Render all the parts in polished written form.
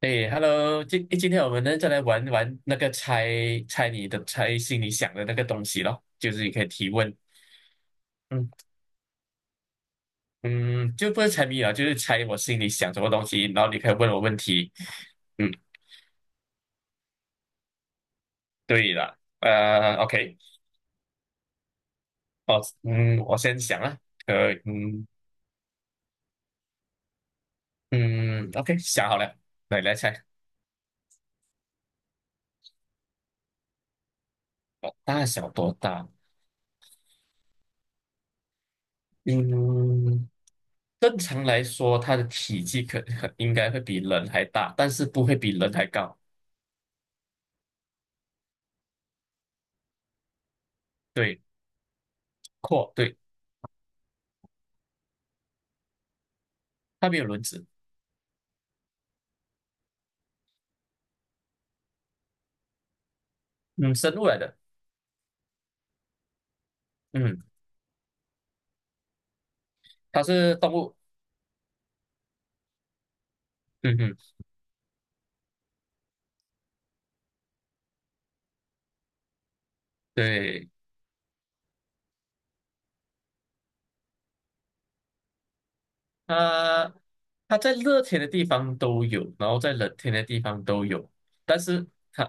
诶 Hello 今天我们呢再来玩玩那个猜心里想的那个东西咯，就是你可以提问。嗯嗯，就不是猜谜了，就是猜我心里想什么东西，然后你可以问我问题。嗯，对了，OK，哦，嗯，我先想啊。可以，嗯嗯，OK，想好了，来猜。哦，大小多大？嗯，正常来说，它的体积应该会比人还大，但是不会比人还高。对，阔，对。它没有轮子。嗯，生物来的。嗯，它是动物。嗯哼。对，它它在热天的地方都有，然后在冷天的地方都有，但是它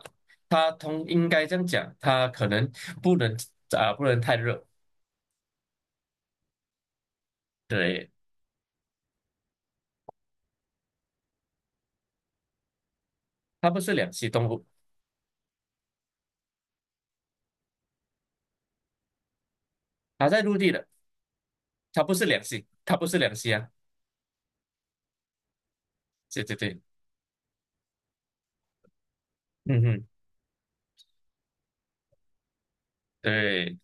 它应该这样讲，它可能不能不能太热。对，它不是两栖动物，它在陆地的。它不是两栖，它不是两栖啊。对对对。嗯哼。对。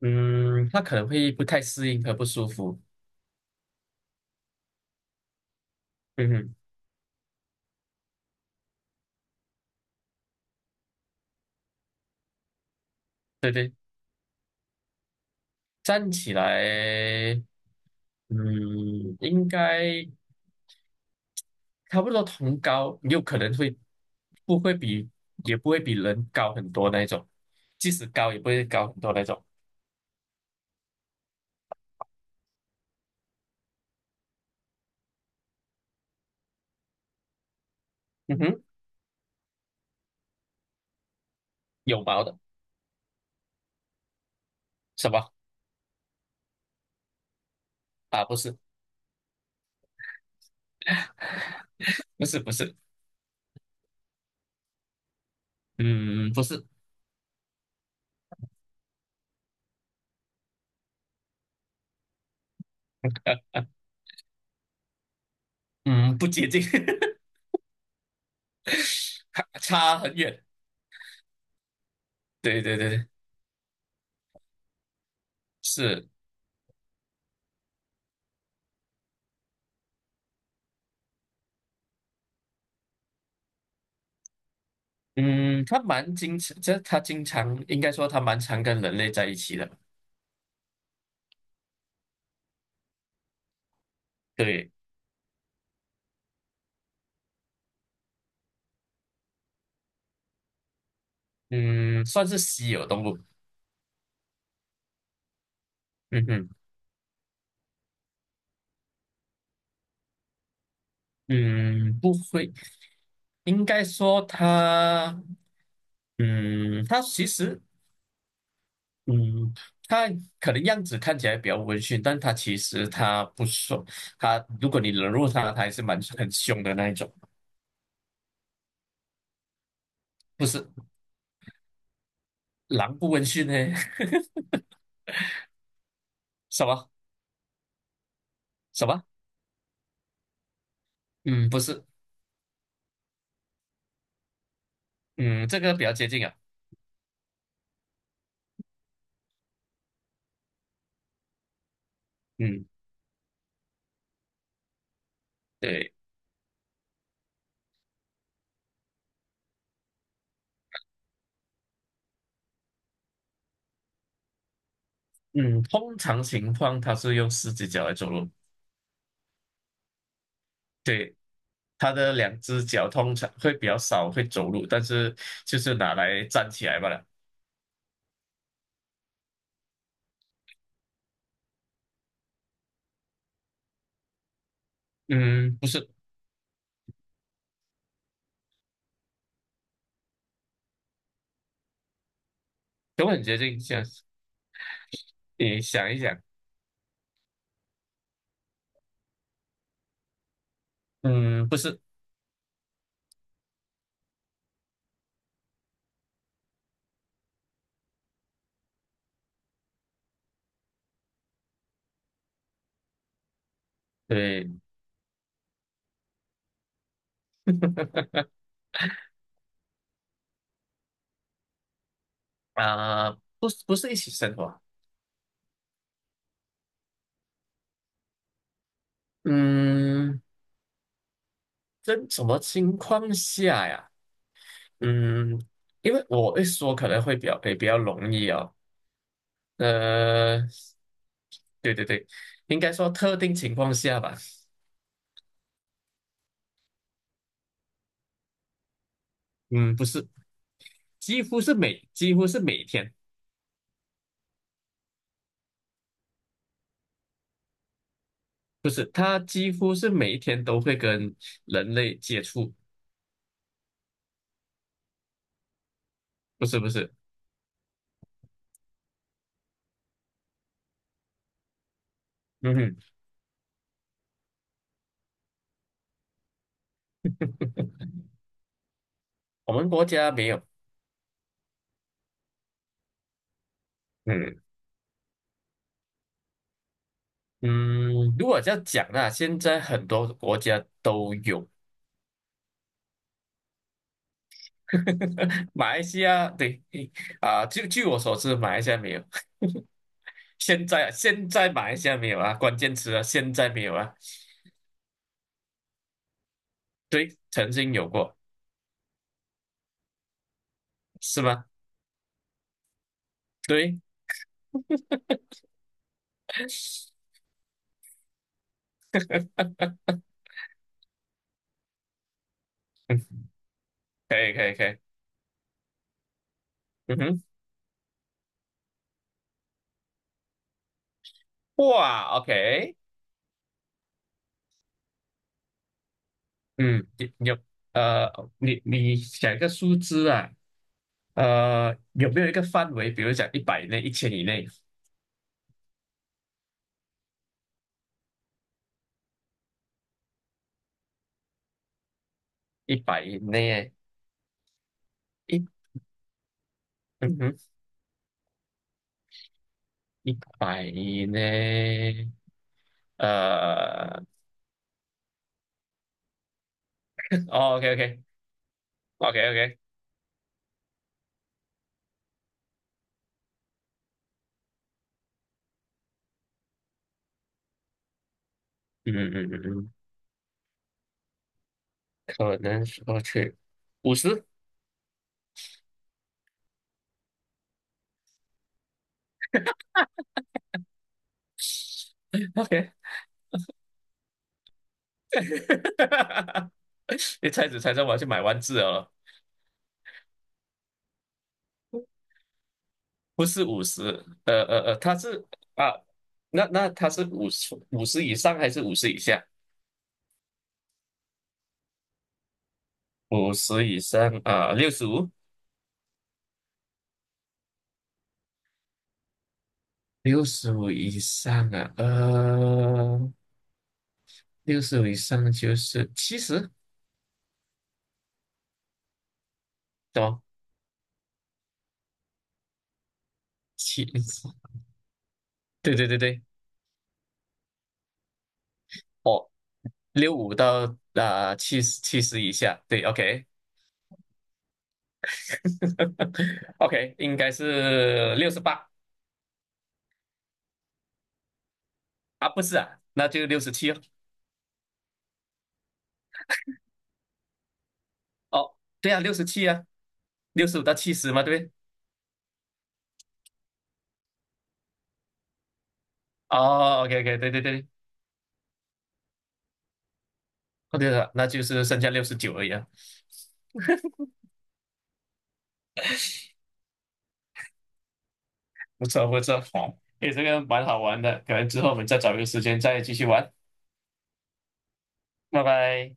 嗯，它可能会不太适应和不舒服。嗯哼。对对，站起来。嗯，应该差不多同高，有可能会不会比，也不会比人高很多那一种，即使高也不会高很多那种。嗯哼。有毛的。什么啊？不是，不是，不是。嗯，不是。啊，嗯，不接近。差很远。对对对对。是，嗯，它蛮经常，这它经常应该说它蛮常跟人类在一起的。对。嗯，算是稀有动物。嗯哼。嗯，不会。应该说他，嗯，他其实，嗯，他可能样子看起来比较温驯，但他其实他不说，他如果你惹怒他，他还是蛮很凶的那一种。不是，狼不温驯呢？什么？什么？嗯，不是。嗯，这个比较接近啊。嗯，对。嗯，通常情况它是用四只脚来走路。对，它的两只脚通常会比较少会走路，但是就是拿来站起来罢了。嗯，不是。等很接近，想，你想一想。嗯，不是。对啊、不是不是一起生活。嗯，这什么情况下呀？嗯，因为我一说可能会比较也比较容易哦。呃，对对对，应该说特定情况下吧。嗯，不是。几乎是每天。不是，他几乎是每一天都会跟人类接触。不是不是。嗯哼。我们国家没有。嗯。嗯，如果这样讲呢，现在很多国家都有。马来西亚对。啊，就据我所知，马来西亚没有。现在马来西亚没有啊，关键词啊，现在没有啊。对，曾经有过。是吗？对。嗯，可以可以可以。嗯哼。哇，OK。嗯，你你有呃，你你想一个数字啊。呃，有没有一个范围？比如讲一百以内、1000以内、一百以内。一，嗯哼，一百以内。呃，哦，OK， OK， OK， OK。嗯嗯嗯嗯嗯可能说去五十。OK。你猜着猜着我要去买万字哦。不是五十。呃呃呃，它是啊，那它是五十以上还是五十以下？五十以上啊，六十五。六十五以上啊，六十五以上就是七十。懂？七十。对对对对。哦，65到七十以下。对，OK，OK。应该是68。啊，不是啊，那就六十七哦。哦，对啊，六十七啊，六十五到七十嘛，对不对？哦，OK， OK，对对对。哦对了，那就是剩下69而已啊。不错不错。好，诶，这个蛮好玩的，可能之后我们再找一个时间再继续玩。拜拜。